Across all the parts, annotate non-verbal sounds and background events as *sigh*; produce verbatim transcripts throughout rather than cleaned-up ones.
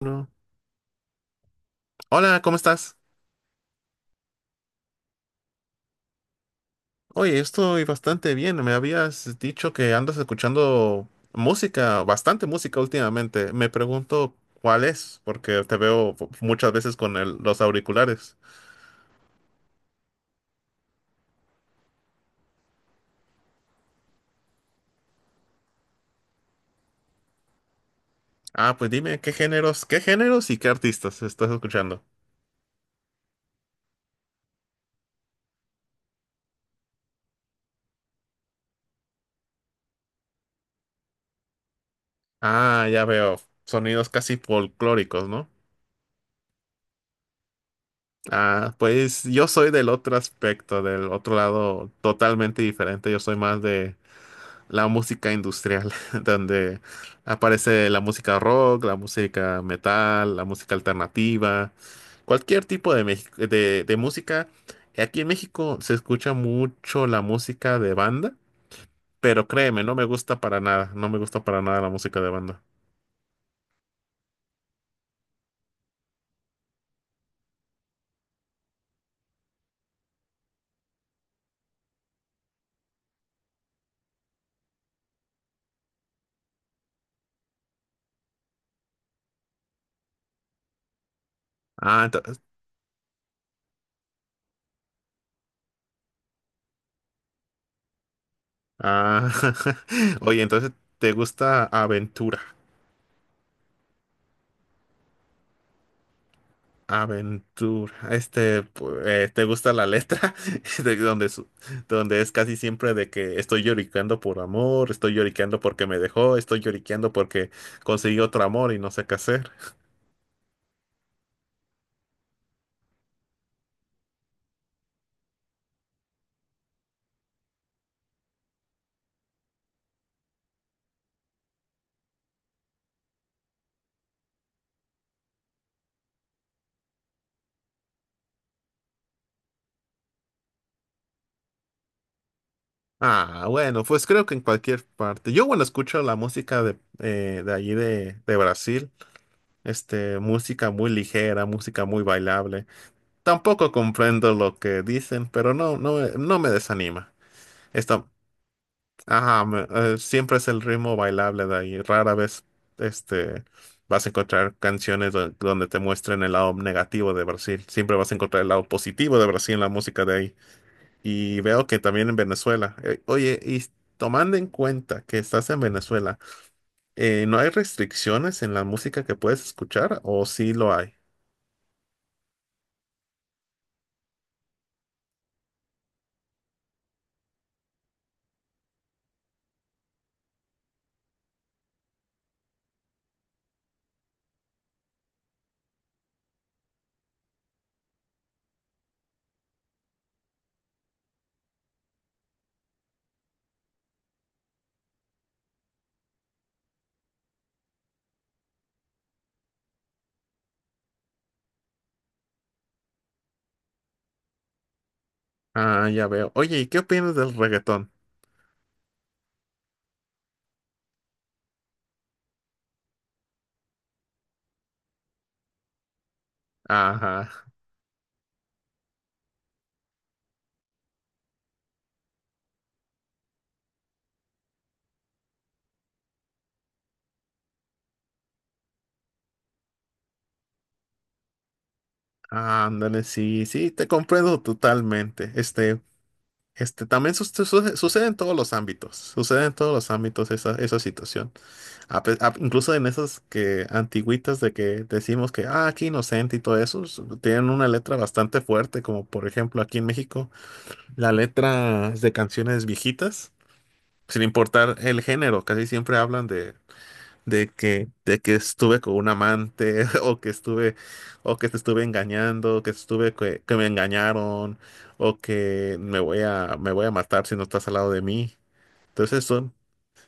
No. Hola, ¿cómo estás? Oye, estoy bastante bien. Me habías dicho que andas escuchando música, bastante música últimamente. Me pregunto cuál es, porque te veo fu- muchas veces con el- los auriculares. Ah, pues dime, ¿qué géneros, qué géneros y qué artistas estás escuchando? Ah, ya veo. Sonidos casi folclóricos, ¿no? Ah, pues yo soy del otro aspecto, del otro lado totalmente diferente. Yo soy más de la música industrial, *laughs* donde aparece la música rock, la música metal, la música alternativa, cualquier tipo de, Mex- de, de música. Aquí en México se escucha mucho la música de banda, pero créeme, no me gusta para nada, no me gusta para nada la música de banda. Ah, entonces, ah, *laughs* oye, entonces te gusta Aventura. Aventura. Este, pu- eh, ¿te gusta la letra? *laughs* De donde, su- Donde es casi siempre de que estoy lloriqueando por amor, estoy lloriqueando porque me dejó, estoy lloriqueando porque conseguí otro amor y no sé qué hacer. Ah, bueno, pues creo que en cualquier parte. Yo, bueno, escucho la música de, eh, de allí de, de Brasil. Este, música muy ligera, música muy bailable. Tampoco comprendo lo que dicen, pero no, no, no me desanima. Esta, Ajá, me- eh, siempre es el ritmo bailable de ahí. Rara vez, este, vas a encontrar canciones do- donde te muestren el lado negativo de Brasil. Siempre vas a encontrar el lado positivo de Brasil en la música de ahí. Y veo que también en Venezuela. Eh, oye, y s- tomando en cuenta que estás en Venezuela, eh, ¿no hay restricciones en la música que puedes escuchar o sí lo hay? Ah, ya veo. Oye, ¿y qué opinas del reggaetón? Ajá. Ándale, sí, sí, te comprendo totalmente. Este, Este, también sus- su- sucede en todos los ámbitos, sucede en todos los ámbitos esa, esa situación. A pe- a- incluso en esas que antiguitas de que decimos que, ah, aquí inocente y todo eso, s- tienen una letra bastante fuerte, como por ejemplo aquí en México, la letra de canciones viejitas, sin importar el género, casi siempre hablan de, de que, de que estuve con un amante, *laughs* o que estuve, o que te estuve engañando, o que estuve que, que me engañaron, o que me voy a, me voy a matar si no estás al lado de mí. Entonces son,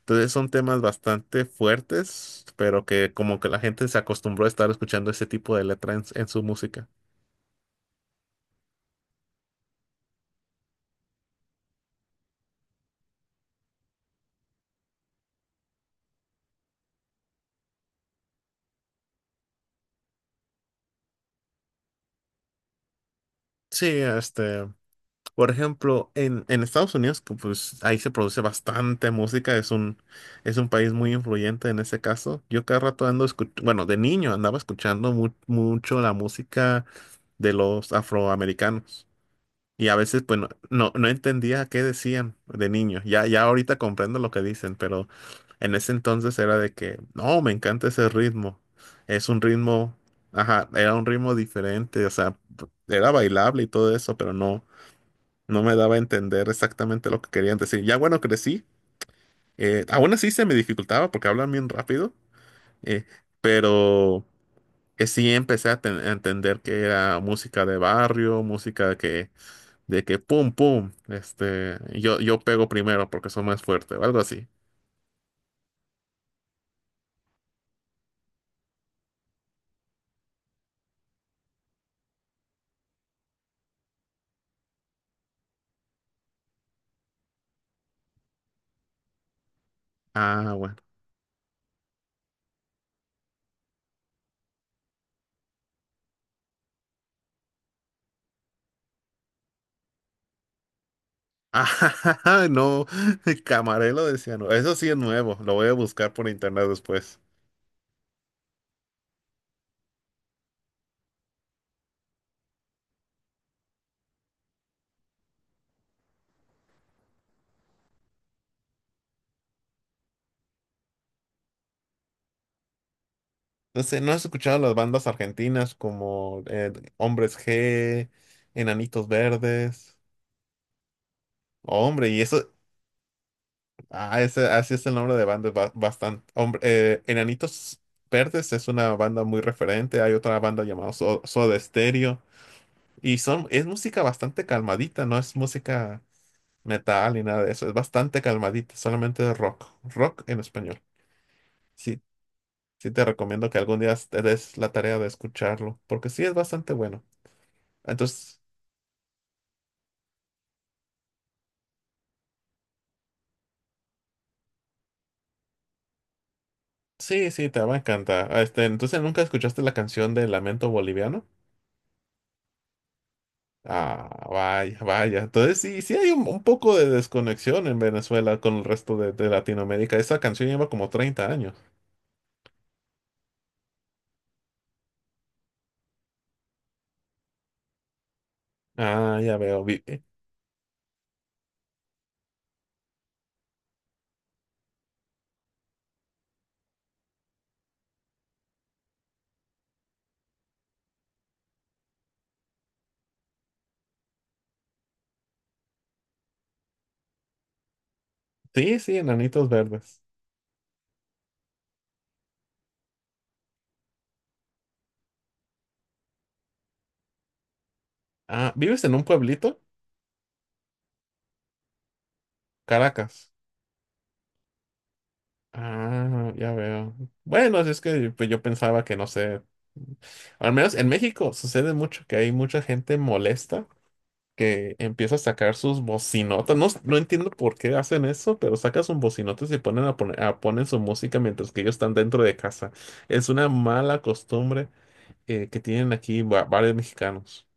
entonces son temas bastante fuertes, pero que como que la gente se acostumbró a estar escuchando ese tipo de letra en, en su música. Sí, este. Por ejemplo, en, en Estados Unidos, que, pues ahí se produce bastante música, es un, es un país muy influyente en ese caso. Yo cada rato ando escuchando, bueno, de niño andaba escuchando mu- mucho la música de los afroamericanos. Y a veces, pues, no, no, no entendía qué decían de niño. Ya, ya ahorita comprendo lo que dicen, pero en ese entonces era de que, no, me encanta ese ritmo. Es un ritmo, ajá, era un ritmo diferente, o sea, era bailable y todo eso, pero no no me daba a entender exactamente lo que querían decir. Ya bueno, crecí. Eh, aún así se me dificultaba porque hablan bien rápido, eh, pero que sí empecé a, ten- a entender que era música de barrio, música que, de que pum, pum, este, yo, yo pego primero porque soy más fuerte o algo así. Ah, bueno. *laughs* Ah, no, Camarelo decía, no, eso sí es nuevo, lo voy a buscar por internet después. No sé, ¿no has escuchado las bandas argentinas como eh, Hombres G, Enanitos Verdes? Hombre, y eso, ah, ese, así es el nombre de bandas bastante. Hombre, eh, Enanitos Verdes es una banda muy referente. Hay otra banda llamada So- Soda Stereo. Y son, es música bastante calmadita, no es música metal ni nada de eso. Es bastante calmadita, solamente rock. Rock en español. Sí, sí te recomiendo que algún día te des la tarea de escucharlo, porque sí es bastante bueno. Entonces. Sí, sí, te va a encantar. Ah, este, entonces, ¿nunca escuchaste la canción de Lamento Boliviano? Ah, vaya, vaya. Entonces, sí, sí hay un, un poco de desconexión en Venezuela con el resto de, de Latinoamérica. Esa canción lleva como treinta años. Ah, ya veo. Vi- eh, Sí, sí, Enanitos Verdes. Ah, ¿vives en un pueblito? Caracas. Ah, ya veo. Bueno, así es que pues, yo pensaba que, no sé, al menos en México sucede mucho que hay mucha gente molesta que empieza a sacar sus bocinotas. No, s- no entiendo por qué hacen eso, pero saca sus bocinotas y ponen a poner, a ponen su música mientras que ellos están dentro de casa. Es una mala costumbre eh, que tienen aquí va- varios mexicanos.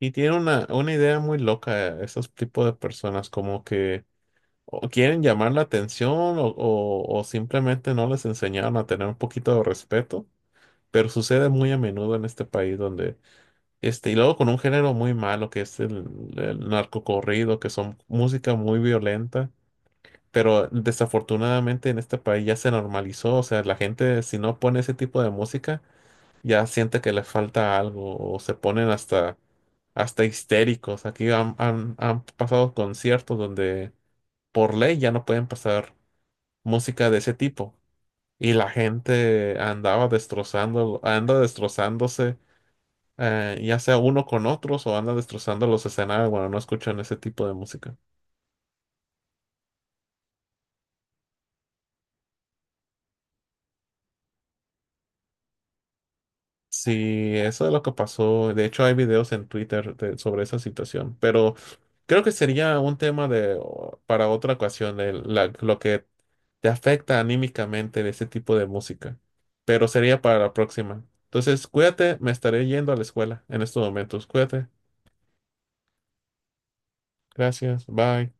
Y tienen una, una idea muy loca esos tipos de personas, como que o quieren llamar la atención o, o o simplemente no les enseñaron a tener un poquito de respeto. Pero sucede muy a menudo en este país donde Este, y luego con un género muy malo que es el, el narcocorrido, que son música muy violenta, pero desafortunadamente en este país ya se normalizó, o sea, la gente si no pone ese tipo de música ya siente que le falta algo o se ponen hasta, hasta histéricos. Aquí han, han, han pasado conciertos donde por ley ya no pueden pasar música de ese tipo y la gente andaba destrozando, anda destrozándose eh, ya sea uno con otros o anda destrozando los escenarios, bueno, no escuchan ese tipo de música. Sí, eso es lo que pasó. De hecho, hay videos en Twitter de- sobre esa situación, pero creo que sería un tema de, o- para otra ocasión, el- la- lo que te afecta anímicamente de ese tipo de música, pero sería para la próxima. Entonces, cuídate, me estaré yendo a la escuela en estos momentos. Cuídate, gracias, bye.